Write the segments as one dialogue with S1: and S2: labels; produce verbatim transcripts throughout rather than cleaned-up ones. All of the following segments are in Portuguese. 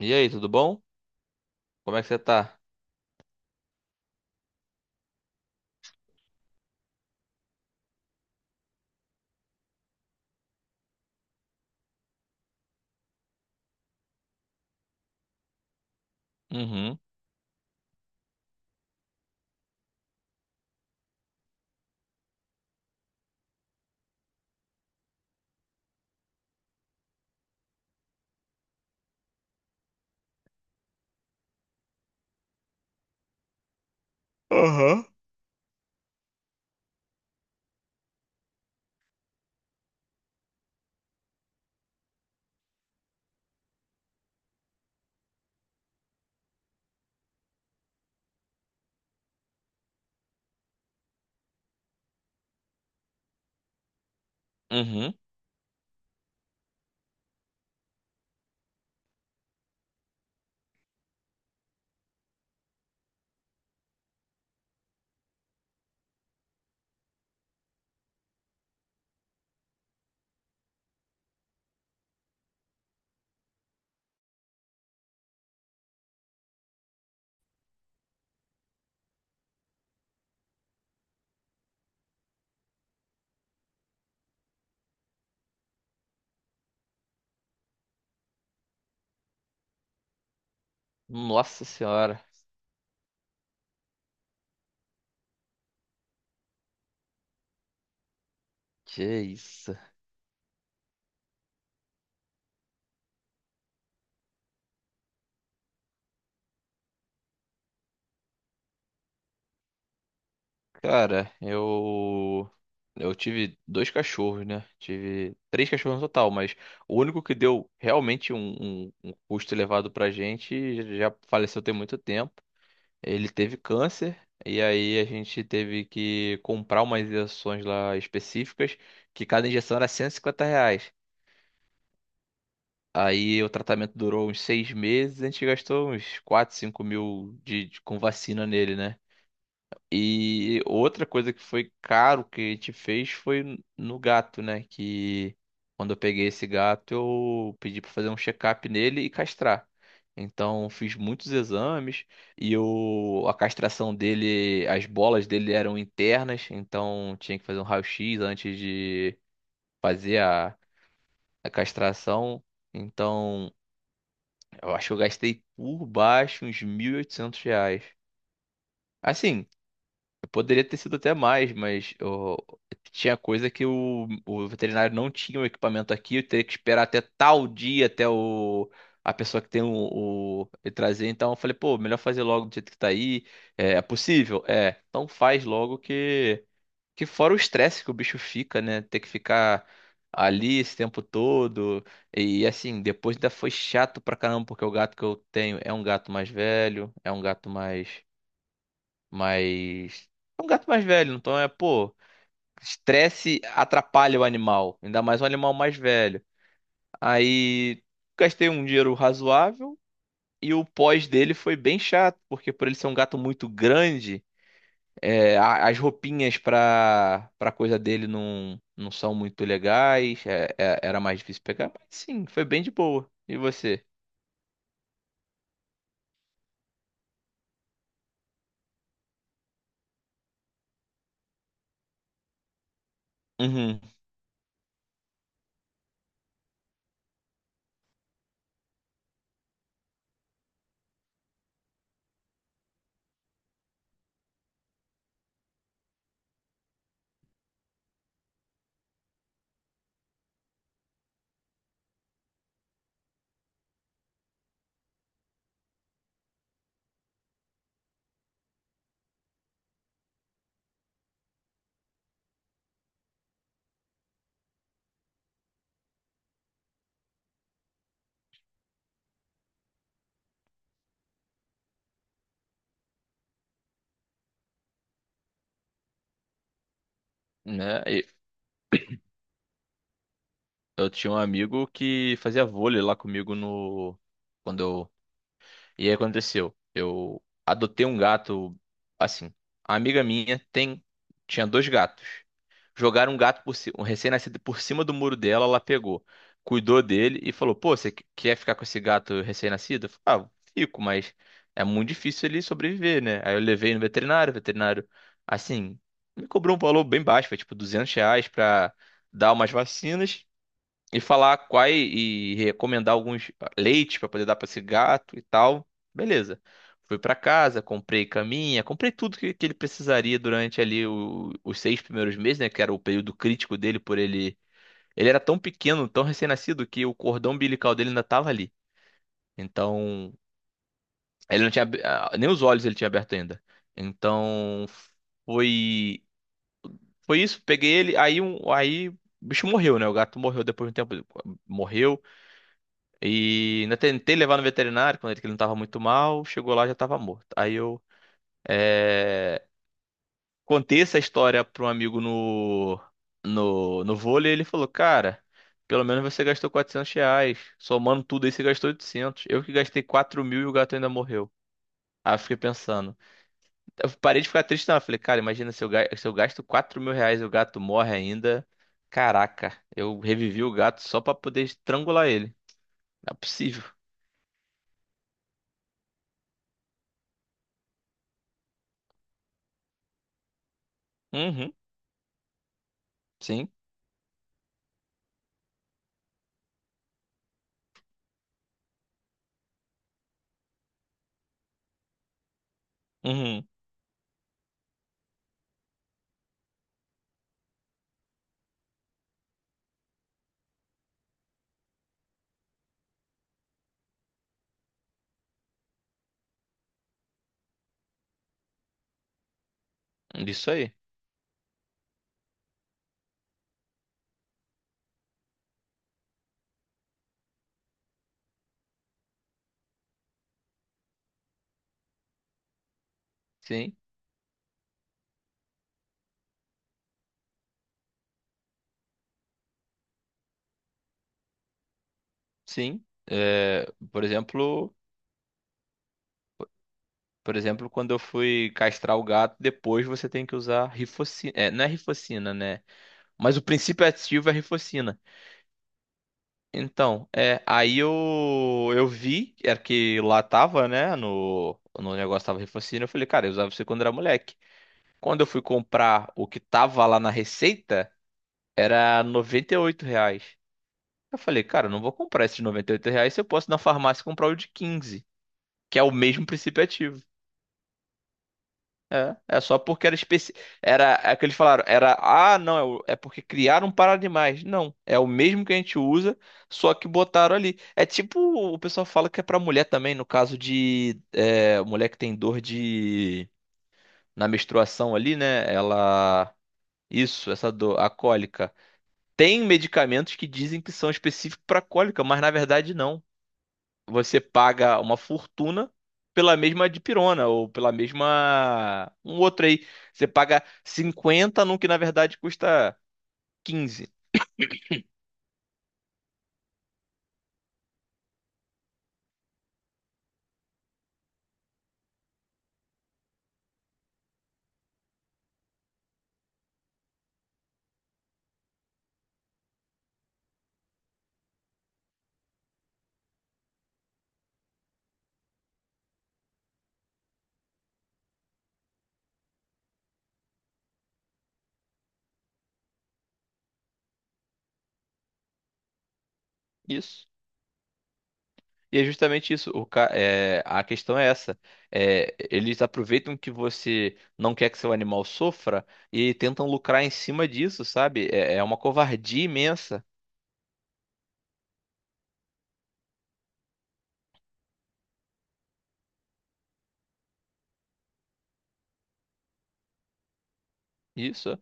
S1: E aí, tudo bom? Como é que você tá? Uhum. Aham. Uhum. Nossa senhora, que isso? Cara, eu. Eu tive dois cachorros, né? Tive três cachorros no total, mas o único que deu realmente um, um- um custo elevado pra gente já faleceu tem muito tempo. Ele teve câncer, e aí a gente teve que comprar umas injeções lá específicas, que cada injeção era cento e cinquenta reais. Aí o tratamento durou uns seis meses, a gente gastou uns quatro, cinco mil de, de- com vacina nele, né? E outra coisa que foi caro que a gente fez foi no gato, né? Que quando eu peguei esse gato, eu pedi pra fazer um check-up nele e castrar. Então fiz muitos exames e o, a castração dele, as bolas dele eram internas, então tinha que fazer um raio-x antes de fazer a a castração. Então, eu acho que eu gastei por baixo uns mil e oitocentos reais. Assim, eu poderia ter sido até mais, mas eu- tinha coisa que o, o veterinário não tinha o equipamento aqui. Eu teria que esperar até tal dia, até o, a pessoa que tem o, o ele trazer. Então eu falei, pô, melhor fazer logo do jeito que tá aí. É, é possível? É, então faz logo, que fora o estresse que o bicho fica, né? Ter que ficar ali esse tempo todo. E assim, depois ainda foi chato pra caramba, porque o gato que eu tenho é um gato mais velho, é um gato mais, mais... É um gato mais velho, então é, pô, estresse atrapalha o animal, ainda mais um animal mais velho. Aí gastei um dinheiro razoável e o pós dele foi bem chato, porque por ele ser um gato muito grande. É, a- as roupinhas pra, pra coisa dele não, não são muito legais. É- é- era mais difícil pegar, mas sim, foi bem de boa. E você? Uhum. Né? E eu tinha um amigo que fazia vôlei lá comigo no... Quando eu. E aí aconteceu. Eu adotei um gato. Assim, a amiga minha tem. Tinha dois gatos. Jogaram um gato por ci- um recém-nascido por cima do muro dela, ela pegou, cuidou dele e falou: "Pô, você que- quer ficar com esse gato recém-nascido?" Eu falei: "Ah, fico, mas é muito difícil ele sobreviver, né?" Aí eu levei no veterinário. O veterinário, assim, me cobrou um valor bem baixo, foi tipo duzentos reais, pra dar umas vacinas e falar quais, e recomendar alguns ah, leites para poder dar para esse gato e tal. Beleza. Fui para casa, comprei caminha, comprei tudo que, que ele precisaria durante ali o- os seis primeiros meses, né? Que era o período crítico dele. Por ele, ele era tão pequeno, tão recém-nascido, que o cordão umbilical dele ainda tava ali. Então, ele não tinha... ab- ah, nem os olhos ele tinha aberto ainda. Então, foi. Foi isso, peguei ele. Aí, um, aí o bicho morreu, né? O gato morreu depois de um tempo. Morreu E ainda tentei levar no veterinário quando ele, que ele não estava muito mal, chegou lá já estava morto. Aí eu, é, contei essa história para um amigo no, no, no vôlei, e ele falou: "Cara, pelo menos você gastou quatrocentos reais, somando tudo aí você gastou oitocentos. Eu que gastei quatro mil e o gato ainda morreu." Aí eu fiquei pensando, eu parei de ficar triste. Não, eu falei: "Cara, imagina se eu, ga- se eu gasto quatro mil reais e o gato morre ainda. Caraca, eu revivi o gato só para poder estrangular ele. Não é possível." Uhum. Sim. Uhum. Isso aí. Sim, sim. É, por exemplo, por exemplo, quando eu fui castrar o gato, depois você tem que usar rifocina. É, não é rifocina, né? Mas o princípio ativo é rifocina. Então, é, aí eu, eu vi, era que lá tava, né? No, no negócio tava rifocina. Eu falei: "Cara, eu usava isso quando era moleque." Quando eu fui comprar o que tava lá na receita, era noventa e oito reais. Eu falei: "Cara, eu não vou comprar esse de noventa e oito reais se eu posso ir na farmácia comprar o de quinze, que é o mesmo princípio ativo." É, é só porque era especi... Era, é que eles falaram, era ah, não, é, o- é porque criaram para animais. Não, é o mesmo que a gente usa, só que botaram ali. É tipo, o pessoal fala que é para mulher também, no caso de é, mulher que tem dor de na menstruação ali, né? Ela, isso, essa dor, a cólica. Tem medicamentos que dizem que são específicos para cólica, mas na verdade não. Você paga uma fortuna pela mesma dipirona ou pela mesma, um outro aí. Você paga cinquenta num que na verdade custa quinze. Isso. E é justamente isso. O ca- é, a questão é essa. É, eles aproveitam que você não quer que seu animal sofra e tentam lucrar em cima disso, sabe? É, é uma covardia imensa. Isso.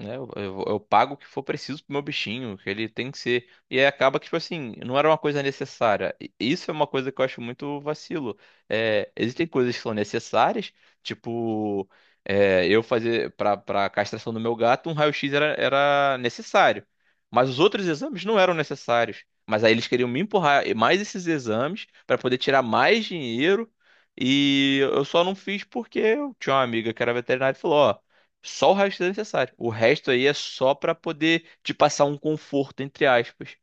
S1: Né? Eu, eu- eu pago o que for preciso pro meu bichinho, que ele tem que ser. E aí acaba que, tipo assim, não era uma coisa necessária. E isso é uma coisa que eu acho muito vacilo. É, existem coisas que são necessárias, tipo, é, eu fazer pra, pra castração do meu gato. Um raio-x era, era necessário, mas os outros exames não eram necessários. Mas aí eles queriam me empurrar mais esses exames para poder tirar mais dinheiro. E eu só não fiz porque eu tinha uma amiga que era veterinária e falou: "Ó, só o resto é necessário. O resto aí é só pra poder te passar um conforto, entre aspas."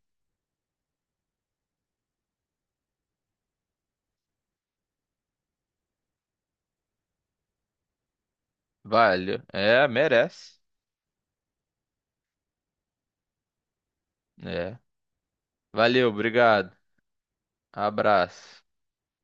S1: Valeu. É, merece. É. Valeu, obrigado. Abraço.